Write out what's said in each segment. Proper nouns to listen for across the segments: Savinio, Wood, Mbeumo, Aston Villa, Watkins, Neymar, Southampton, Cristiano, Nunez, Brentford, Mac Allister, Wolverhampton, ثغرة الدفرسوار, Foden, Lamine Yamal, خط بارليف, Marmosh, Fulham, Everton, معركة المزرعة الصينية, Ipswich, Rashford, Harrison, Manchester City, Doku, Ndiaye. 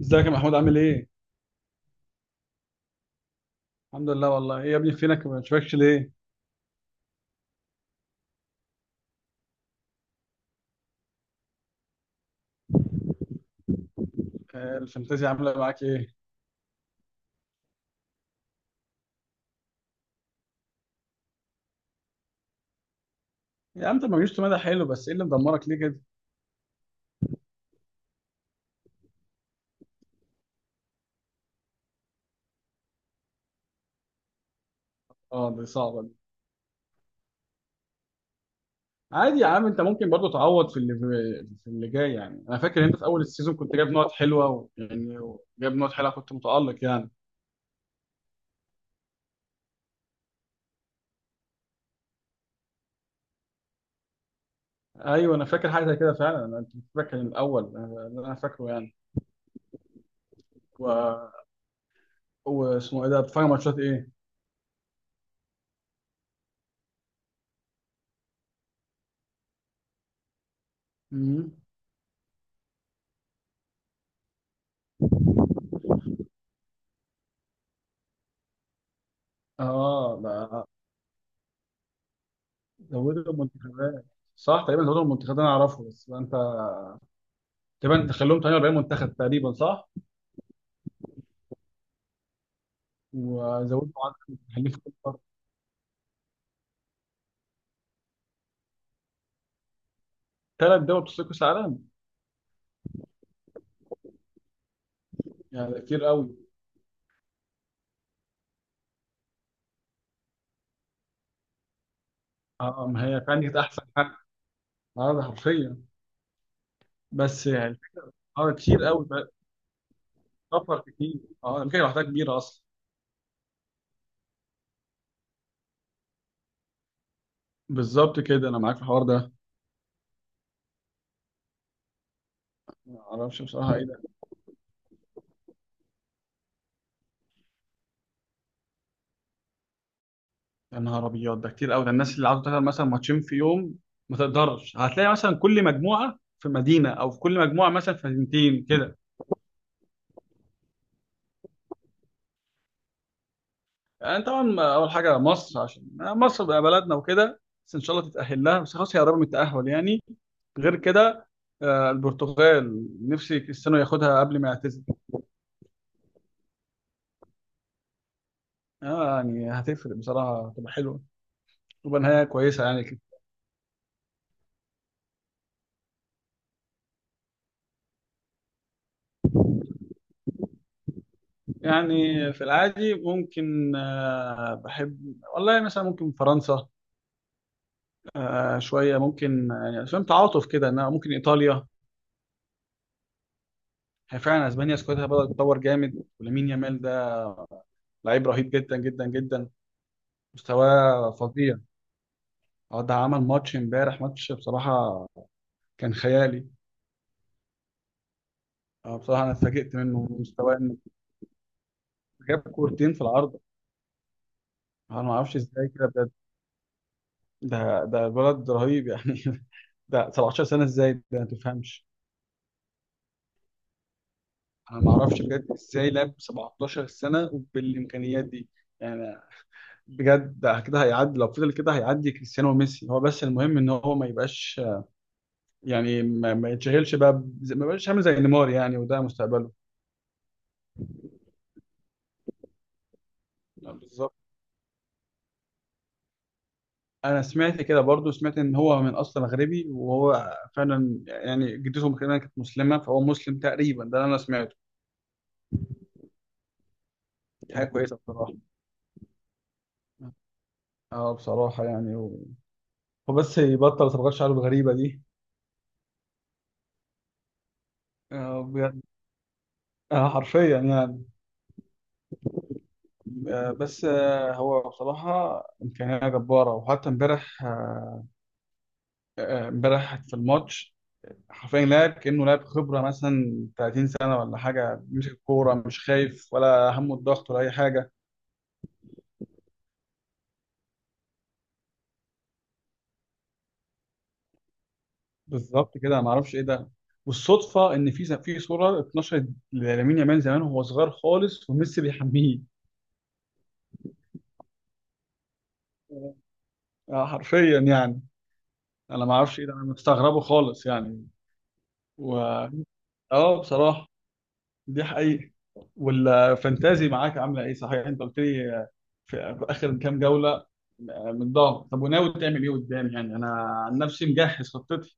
ازيك يا محمود عامل ايه؟ الحمد لله والله ايه يا ابني فينك ما بشوفكش ليه؟ الفانتازيا عامله معاك ايه؟ يا عم انت ما جبتش مدى حلو بس ايه اللي مدمرك ليه كده؟ اه دي صعبه دي. عادي يا عم انت ممكن برضو تعوض في اللي في اللي جاي، يعني انا فاكر انت في اول السيزون كنت جايب نقط حلوه جايب نقط حلوه، كنت متالق يعني. ايوه انا فاكر حاجه زي كده فعلا، انا انت فاكر من الاول، اللي انا فاكره يعني. و... واسمه ايه ده بتتفرج على ماتشات ايه؟ مم. اه ده زودوا المنتخبات، صح تقريبا، زودوا المنتخبات انا اعرفه، بس انت تقريبا تخلوهم 48 منتخب تقريبا صح. وزودوا عدد المحللين في كل قاره. ثلاث دول بتصير كاس عالم، يعني ده كتير قوي. اه ما هي فعلا دي كانت احسن حاجه، عدد حرفيا. بس يعني اه كتير قوي بقى، سفر كتير. اه امريكا لوحدها كبيره اصلا. بالظبط كده، انا معاك في الحوار ده. ما اعرفش بصراحه ايه ده. يا نهار ابيض، ده كتير قوي، ده الناس اللي عاوزه تلعب مثلا ماتشين في يوم ما تقدرش، هتلاقي مثلا كل مجموعه في مدينه، او في كل مجموعه مثلا في مدينتين كده. يعني طبعا اول حاجه مصر، عشان مصر بقى بلدنا وكده، بس ان شاء الله تتاهل لها، بس خلاص هي قربت من التاهل يعني. غير كده، البرتغال، نفسي كريستيانو ياخدها قبل ما يعتزل. يعني هتفرق بصراحه، هتبقى حلوه، تبقى نهايه كويسه يعني كده. يعني في العادي ممكن، بحب والله مثلا ممكن فرنسا، شويه ممكن يعني، فاهم تعاطف كده انها ممكن ايطاليا. هي فعلا اسبانيا سكوادها بدأت تتطور جامد، ولامين يامال ده لعيب رهيب جدا جدا جدا، مستواه فظيع. اه ده عمل ماتش امبارح، ماتش بصراحة كان خيالي. اه بصراحة أنا اتفاجئت منه، من مستواه إنه جاب كورتين في العارضة. أنا ما أعرفش إزاي كده بجد، ده الولد رهيب يعني ده 17 سنة إزاي، ده ما تفهمش. أنا ما أعرفش بجد إزاي لعب 17 سنة بالإمكانيات دي يعني. بجد ده كده هيعدي، لو فضل كده هيعدي كريستيانو وميسي، هو بس المهم إن هو ما يبقاش، يعني ما يتشغلش بقى، ما يبقاش عامل زي نيمار يعني، وده مستقبله. بالظبط. انا سمعت كده برضو، سمعت ان هو من اصل مغربي، وهو فعلا يعني جدته كمان كانت مسلمه، فهو مسلم تقريبا، ده اللي انا سمعته. دي حاجه كويسه بصراحه. اه بصراحه يعني وبس يبطل صبغات شعره الغريبه دي. آه بجد، آه حرفيا يعني. آه، بس آه هو بصراحه امكانيه جباره، وحتى امبارح، امبارح في الماتش حرفيا لاعب كانه لاعب خبره مثلا 30 سنه ولا حاجه، بيمسك الكوره مش خايف ولا همه الضغط ولا اي حاجه. بالظبط كده، انا ما اعرفش ايه ده. والصدفه ان في صوره اتنشرت لامين يامال زمان وهو صغير خالص وميسي بيحميه. حرفيا يعني. انا ما اعرفش ايه ده، انا مستغربه خالص يعني. و اه بصراحه دي حقيقه. والفانتازي معاك عامله ايه صحيح، انت قلت لي في اخر كام جوله متضايق. طب وناوي تعمل ايه قدام؟ يعني انا عن نفسي مجهز خطتي.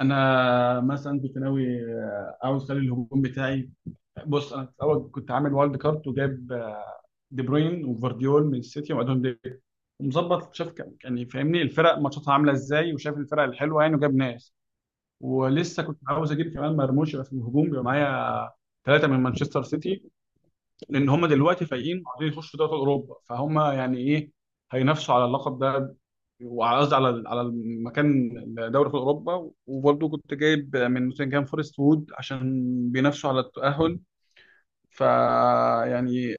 انا مثلا كنت ناوي، عاوز اخلي الهجوم بتاعي. بص انا في الاول كنت عامل وايلد كارت، وجايب دي بروين وفارديول من السيتي وادون دي، ومظبط شاف يعني فاهمني الفرق ماتشاتها عامله ازاي، وشاف الفرق الحلوه يعني، وجاب ناس. ولسه كنت عاوز اجيب كمان مرموش يبقى في الهجوم، يبقى معايا ثلاثه من مانشستر سيتي، لان هم دلوقتي فايقين وعايزين يخشوا في دوري اوروبا، فهم يعني ايه هينافسوا على اللقب ده، وعلى قصدي على على المكان، دوري في اوروبا. وبرضه كنت جايب من نوتنجهام فورست وود، عشان بينافسوا على التاهل. ف يعني،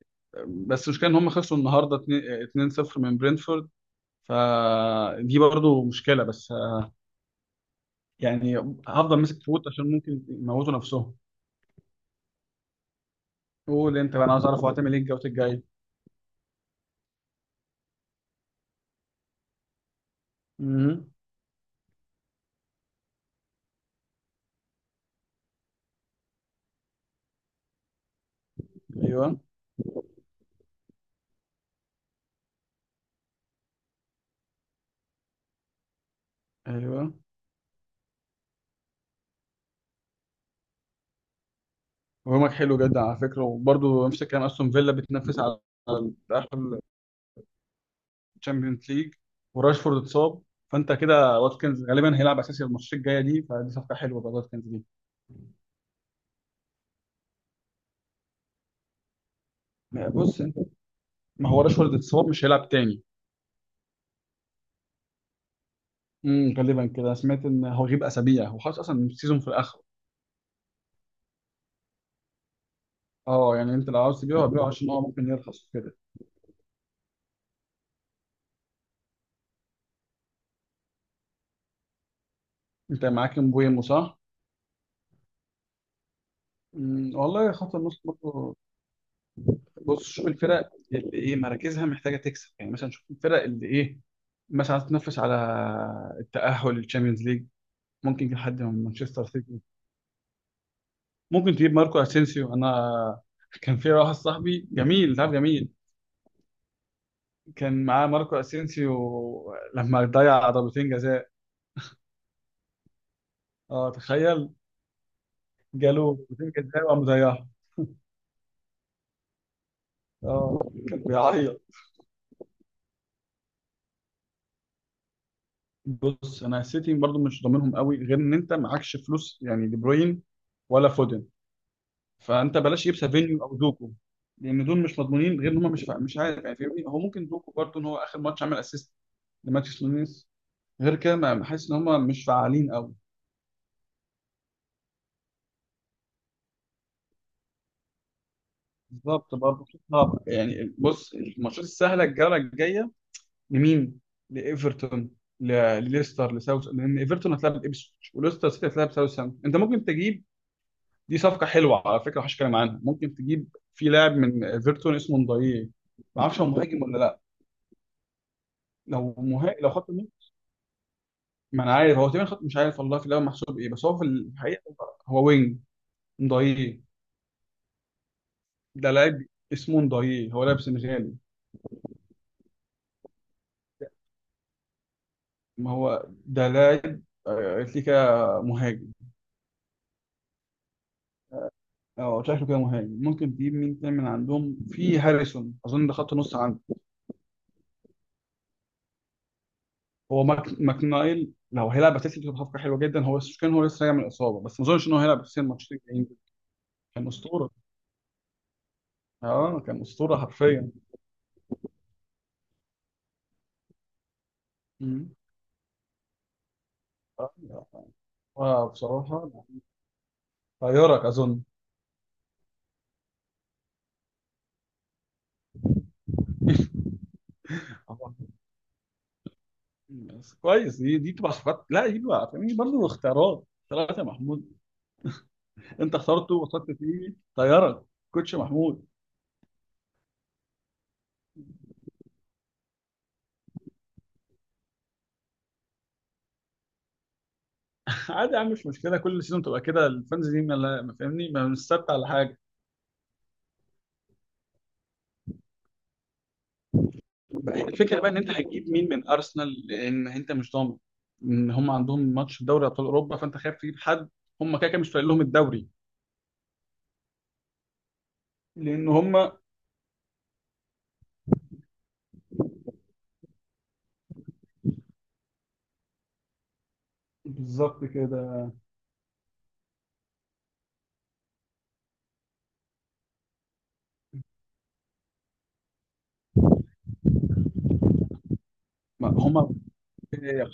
بس المشكله ان هم خسروا النهارده 2-0 من برينفورد، فدي برضو مشكله. بس يعني هفضل ماسك في ووت، عشان ممكن يموتوا نفسهم. قول انت بقى، انا عايز اعرف هو هتعمل ايه الجوله الجايه. امم، ايوه، ايوه. هجومك حلو جدا على فكره، وبرضو نفس الكلام، استون فيلا بتنافس على تاهل الشامبيونز ليج، وراشفورد اتصاب، فانت كده واتكنز غالبا هيلعب اساسي الماتشات الجايه دي، فدي صفقه حلوه بقى واتكنز دي. بص انت، ما هو راشفورد اتصاب مش هيلعب تاني. غالبا كده، أنا سمعت ان هو غيب اسابيع، هو خلاص اصلا السيزون في الاخر. اه يعني انت لو عاوز تبيعه، هبيعه عشان هو ممكن يرخص كده. انت معاك مبويمو صح؟ امم، والله خط النص برضه. بص شوف الفرق اللي ايه مراكزها محتاجه تكسب، يعني مثلا شوف الفرق اللي ايه، مثلا عايز تنافس على التاهل للتشامبيونز ليج، ممكن تجيب حد من مانشستر سيتي. ممكن تجيب ماركو اسينسيو. انا كان في واحد صاحبي جميل، تعرف جميل، كان معاه ماركو اسينسيو لما ضيع ضربتين جزاء. اه تخيل، جاله نتيجه ازاي وقام زيها. اه كان بيعيط. بص انا السيتي برضو مش ضامنهم قوي، غير ان انت معكش فلوس يعني دي بروين ولا فودن، فانت بلاش تجيب سافينيو او دوكو، لان دول مش مضمونين، غير ان هم مش عارف يعني، فاهمني هو ممكن دوكو برضو ان هو اخر ماتش عمل اسيست لماتش نونيز، غير كده ما حاسس ان هم مش فعالين قوي. بالظبط برضه. صعب يعني. بص الماتشات السهله الجوله الجايه لمين؟ لايفرتون، ل- لليستر، لساوث، لان ايفرتون هتلعب ابسويتش وليستر سيتي هتلعب ساوثهامبتون. انت ممكن تجيب، دي صفقه حلوه على فكره محدش كلام عنها، ممكن تجيب في لاعب من ايفرتون اسمه نضاييه، ما اعرفش هو مهاجم ولا لا. لو خط مين، ما انا عارف هو تقريبا خط، مش عارف والله في الاول محسوب ايه، بس هو في الحقيقه هو وينج. نضاييه، ده لاعب اسمه نضاييه، هو لاعب سنغالي. ما هو ده لاعب، قلت لي كده مهاجم. اه شكله كده مهاجم. ممكن تجيب مين تاني من عندهم، في هاريسون اظن ده خط نص عنده. هو ماك ماكنايل لو هيلعب اساسي بتبقى صفقه حلوه جدا، هو كان هو لسه راجع من الاصابه، بس ما اظنش ان هو هيلعب اساسي الماتشين الجايين دول. كان اسطوره، اه كان اسطوره حرفيا. مم. آه، آه، بصراحه طيارك اظن. آه، بس كويس، دي بتبقى صفقات، لا دي بقى فاهمني برضه اختيارات، اختيارات يا محمود. انت اخترته وصلت فيه طيارك، كوتش محمود. عادي يا عم مش مشكله، كل سيزون تبقى كده الفانز دي ما فاهمني، ما مش ثابته على حاجه. الفكره بقى ان انت هتجيب مين من ارسنال، لان انت مش ضامن ان هم عندهم ماتش في دوري ابطال اوروبا، فانت خايف تجيب حد، هم كده كده مش فارق لهم الدوري، لان هم بالظبط كده. ما هم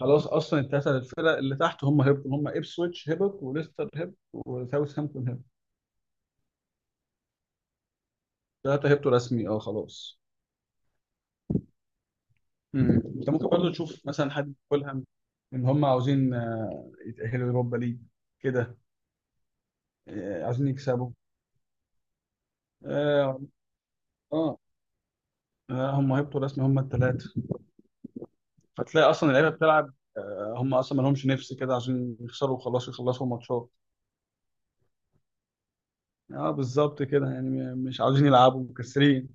خلاص اصلا الثلاثه الفرق اللي تحت هم هبطوا، هم ابسويتش هبط وليستر هبط وساوثهامبتون هبط. ثلاثه هبطوا رسمي، اه خلاص. مم. انت ممكن برضه تشوف مثلا حد فولهام، ان هم عاوزين يتاهلوا يوروبا ليج كده، عايزين يكسبوا. اه اه، هم هيبطوا رسمي هم الثلاثه، فتلاقي اصلا اللعيبه بتلعب، هم اصلا ما لهمش نفس كده، عشان يخسروا وخلاص يخلصوا الماتشات. اه بالظبط كده يعني، مش عاوزين يلعبوا مكسرين.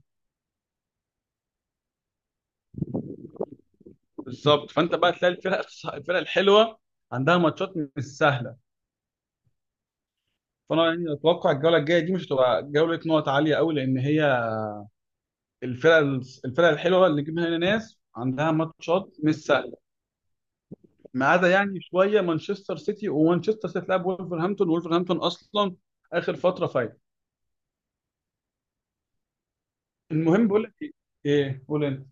بالظبط. فانت بقى تلاقي الفرق الفرق الحلوه عندها ماتشات مش سهله، فانا يعني اتوقع الجوله الجايه دي مش هتبقى جوله نقط عاليه قوي، لان هي الفرق، الفرق الحلوه اللي جبنا هنا ناس عندها ماتشات مش سهله، ما عدا يعني شويه مانشستر سيتي، ومانشستر سيتي تلعب ولفرهامبتون، وولفرهامبتون اصلا اخر فتره فايت. المهم بقول لك ايه، ايه قول انت.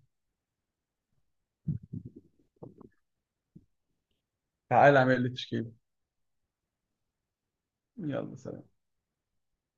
تعالى اعمل لي تشكيله. يلا سلام.